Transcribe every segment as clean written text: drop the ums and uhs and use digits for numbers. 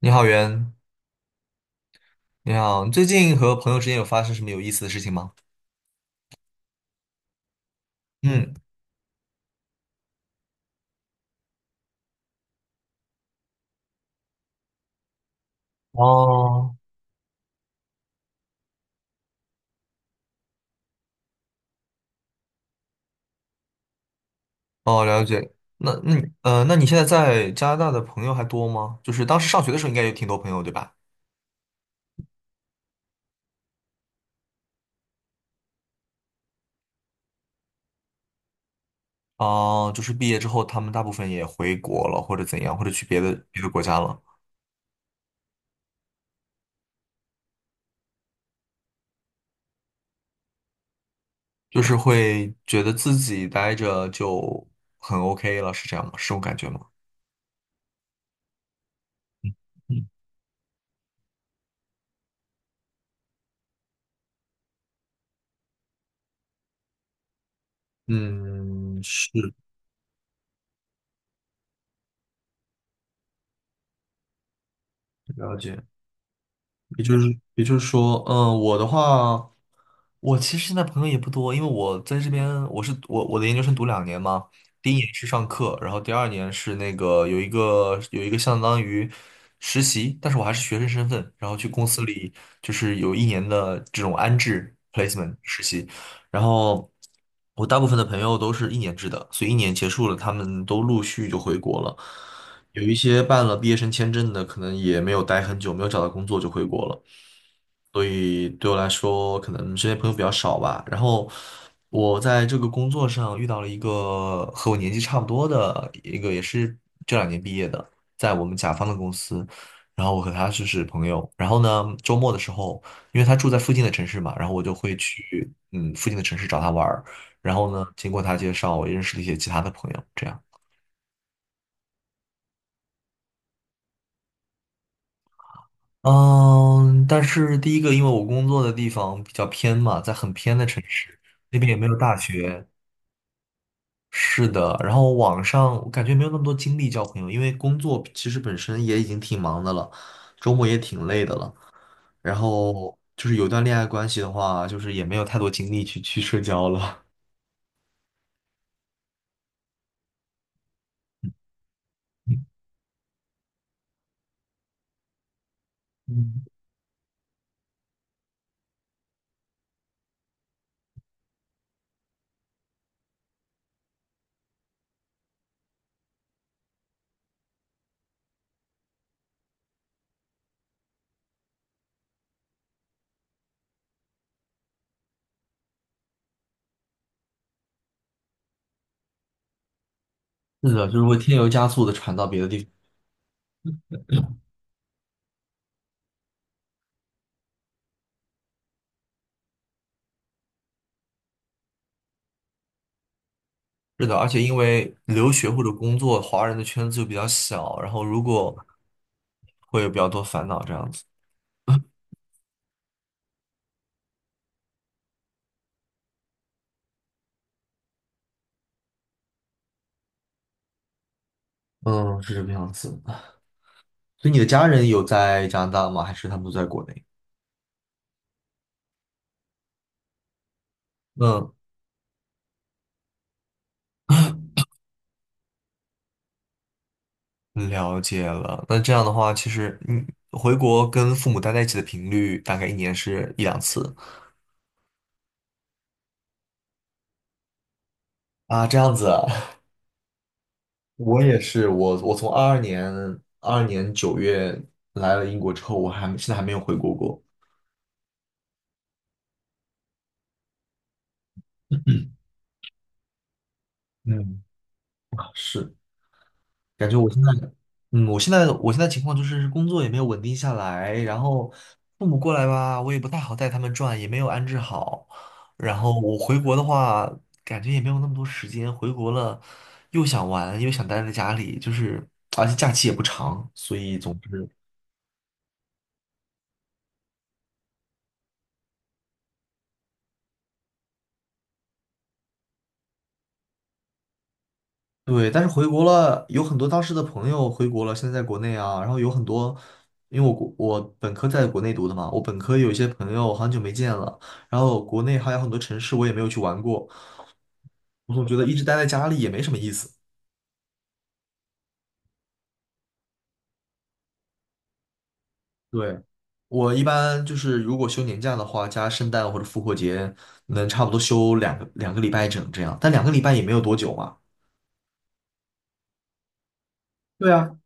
你好，袁。你好，你最近和朋友之间有发生什么有意思的事情吗？嗯。哦。哦，了解。那你现在在加拿大的朋友还多吗？就是当时上学的时候，应该有挺多朋友，对吧？哦，就是毕业之后，他们大部分也回国了，或者怎样，或者去别的国家了。就是会觉得自己待着就很 OK 了，是这样吗？是这种感觉吗？嗯。嗯，是。了解。也就是也就是说，嗯，我的话，我其实现在朋友也不多，因为我在这边，我是我我的研究生读两年嘛。第一年是上课，然后第二年是那个有一个相当于实习，但是我还是学生身份，然后去公司里就是有一年的这种安置 placement 实习。然后我大部分的朋友都是一年制的，所以一年结束了，他们都陆续就回国了。有一些办了毕业生签证的，可能也没有待很久，没有找到工作就回国了。所以对我来说，可能身边朋友比较少吧。然后我在这个工作上遇到了一个和我年纪差不多的一个，也是这2年毕业的，在我们甲方的公司。然后我和他就是朋友。然后呢，周末的时候，因为他住在附近的城市嘛，然后我就会去附近的城市找他玩儿。然后呢，经过他介绍，我也认识了一些其他的朋友，这样。嗯，但是第一个，因为我工作的地方比较偏嘛，在很偏的城市，那边也没有大学。是的。然后网上我感觉没有那么多精力交朋友，因为工作其实本身也已经挺忙的了，周末也挺累的了。然后就是有段恋爱关系的话，就是也没有太多精力去社交了。嗯，是的，就是会添油加醋的传到别的地方。是的，而且因为留学或者工作，华人的圈子就比较小，然后如果会有比较多烦恼这样子。嗯，是这个样子。所以你的家人有在加拿大吗？还是他们都在国内？嗯，了解了。那这样的话，其实你回国跟父母待在一起的频率大概一年是一两次？啊，这样子啊。我也是，我从22年9月来了英国之后，我现在还没有回国过。嗯，是。感觉我现在。嗯，我现在情况就是工作也没有稳定下来，然后父母过来吧，我也不太好带他们转，也没有安置好。然后我回国的话，感觉也没有那么多时间，回国了又想玩，又想待在家里，就是而且假期也不长，所以总之。对，但是回国了，有很多当时的朋友回国了，现在在国内啊，然后有很多，因为我国我本科在国内读的嘛，我本科有一些朋友很久没见了，然后国内还有很多城市我也没有去玩过，我总觉得一直待在家里也没什么意思。对，我一般就是如果休年假的话，加圣诞或者复活节，能差不多休两个礼拜整这样，但两个礼拜也没有多久嘛。对啊，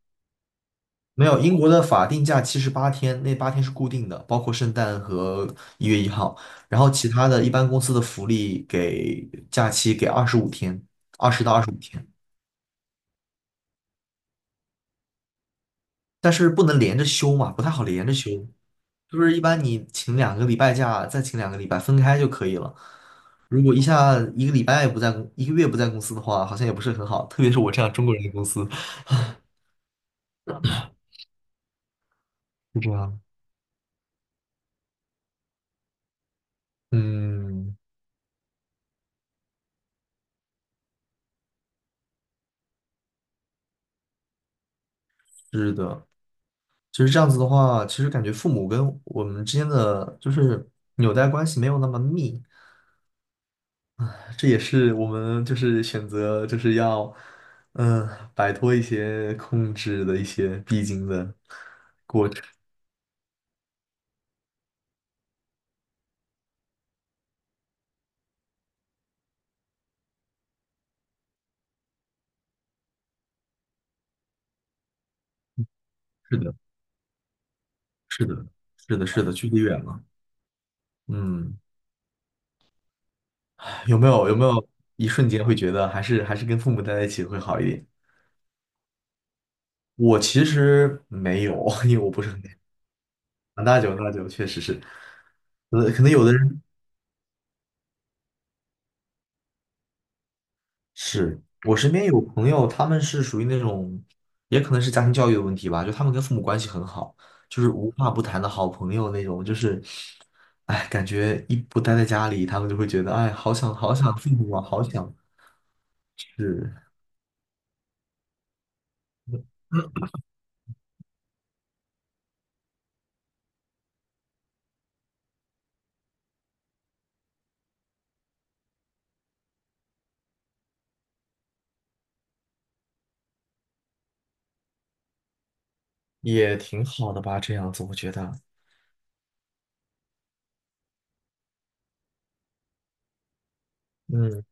没有，英国的法定假期是八天，那八天是固定的，包括圣诞和1月1号。然后其他的一般公司的福利给假期给二十五天，20到25天。但是不能连着休嘛，不太好连着休，就是一般你请两个礼拜假，再请两个礼拜分开就可以了。如果一下一个月不在公司的话，好像也不是很好，特别是我这样中国人的公司是这样。嗯，是的。其实这样子的话，其实感觉父母跟我们之间的就是纽带关系没有那么密，这也是我们就是选择就是要嗯摆脱一些控制的一些必经的。是的。是的，是的，是的，距离远了。嗯，有没有一瞬间会觉得还是跟父母待在一起会好一点？我其实没有，因为我不是很很大久，长大久确实是。呃，可能有的人是我身边有朋友，他们是属于那种，也可能是家庭教育的问题吧，就他们跟父母关系很好，就是无话不谈的好朋友那种，就是，哎，感觉一不待在家里，他们就会觉得，哎，好想好想父母啊，好想。是，也挺好的吧，这样子我觉得。嗯，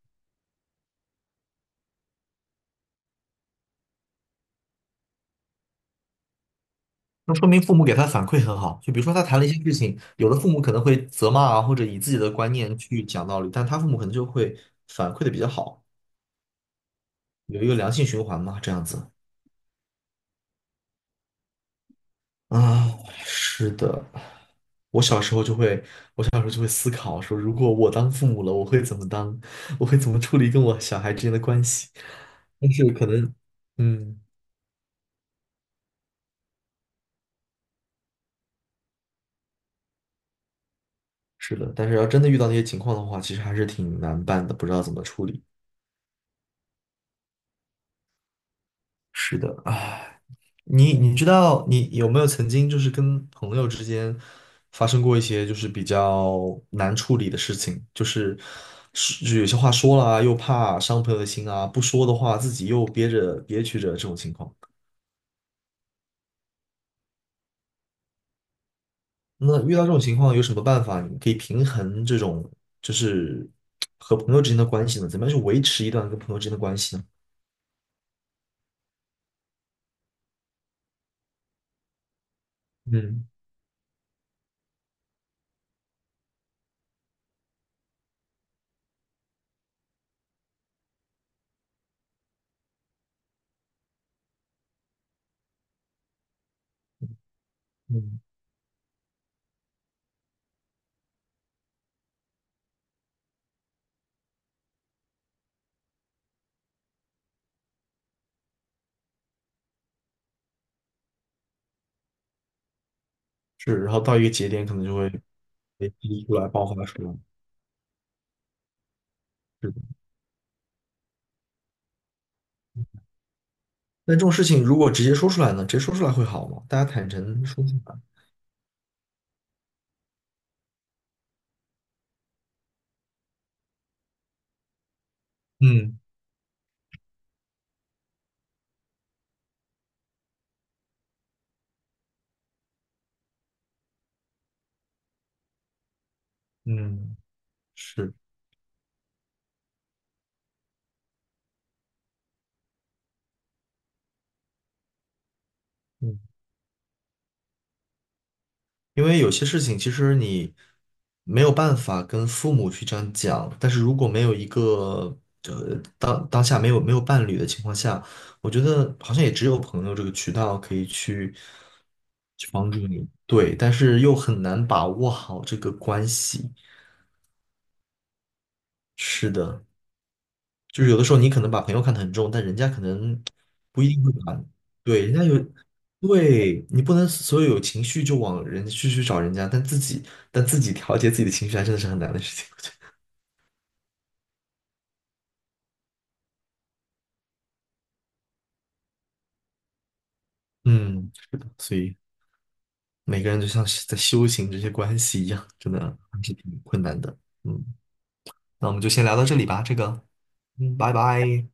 那说明父母给他反馈很好。就比如说他谈了一些事情，有的父母可能会责骂啊，或者以自己的观念去讲道理，但他父母可能就会反馈的比较好，有一个良性循环嘛，这样子。啊，是的。我小时候就会，我小时候就会思考说，如果我当父母了，我会怎么当，我会怎么处理跟我小孩之间的关系。但是可能，嗯，是的，但是要真的遇到那些情况的话，其实还是挺难办的，不知道怎么处理。是的。你知道你有没有曾经就是跟朋友之间发生过一些就是比较难处理的事情，就是是就有些话说了啊，又怕伤朋友的心啊，不说的话自己又憋着憋屈着这种情况。那遇到这种情况有什么办法？你可以平衡这种就是和朋友之间的关系呢？怎么样去维持一段跟朋友之间的关系呢？嗯嗯，是，然后到一个节点可能就会被逼出来爆发出来。那这种事情如果直接说出来呢？直接说出来会好吗？大家坦诚说出来。嗯嗯，是，嗯，因为有些事情其实你没有办法跟父母去这样讲，但是如果没有一个呃当下没有伴侣的情况下，我觉得好像也只有朋友这个渠道可以去帮助你，对，但是又很难把握好这个关系。是的，就是有的时候你可能把朋友看得很重，但人家可能不一定会把，对，人家有，对，你不能所有有情绪就往人去找人家，但自己调节自己的情绪还真的是很难的事情，我觉得。嗯，是的，所以每个人就像是在修行这些关系一样，真的还是挺困难的。嗯，那我们就先聊到这里吧，这个，嗯，拜拜。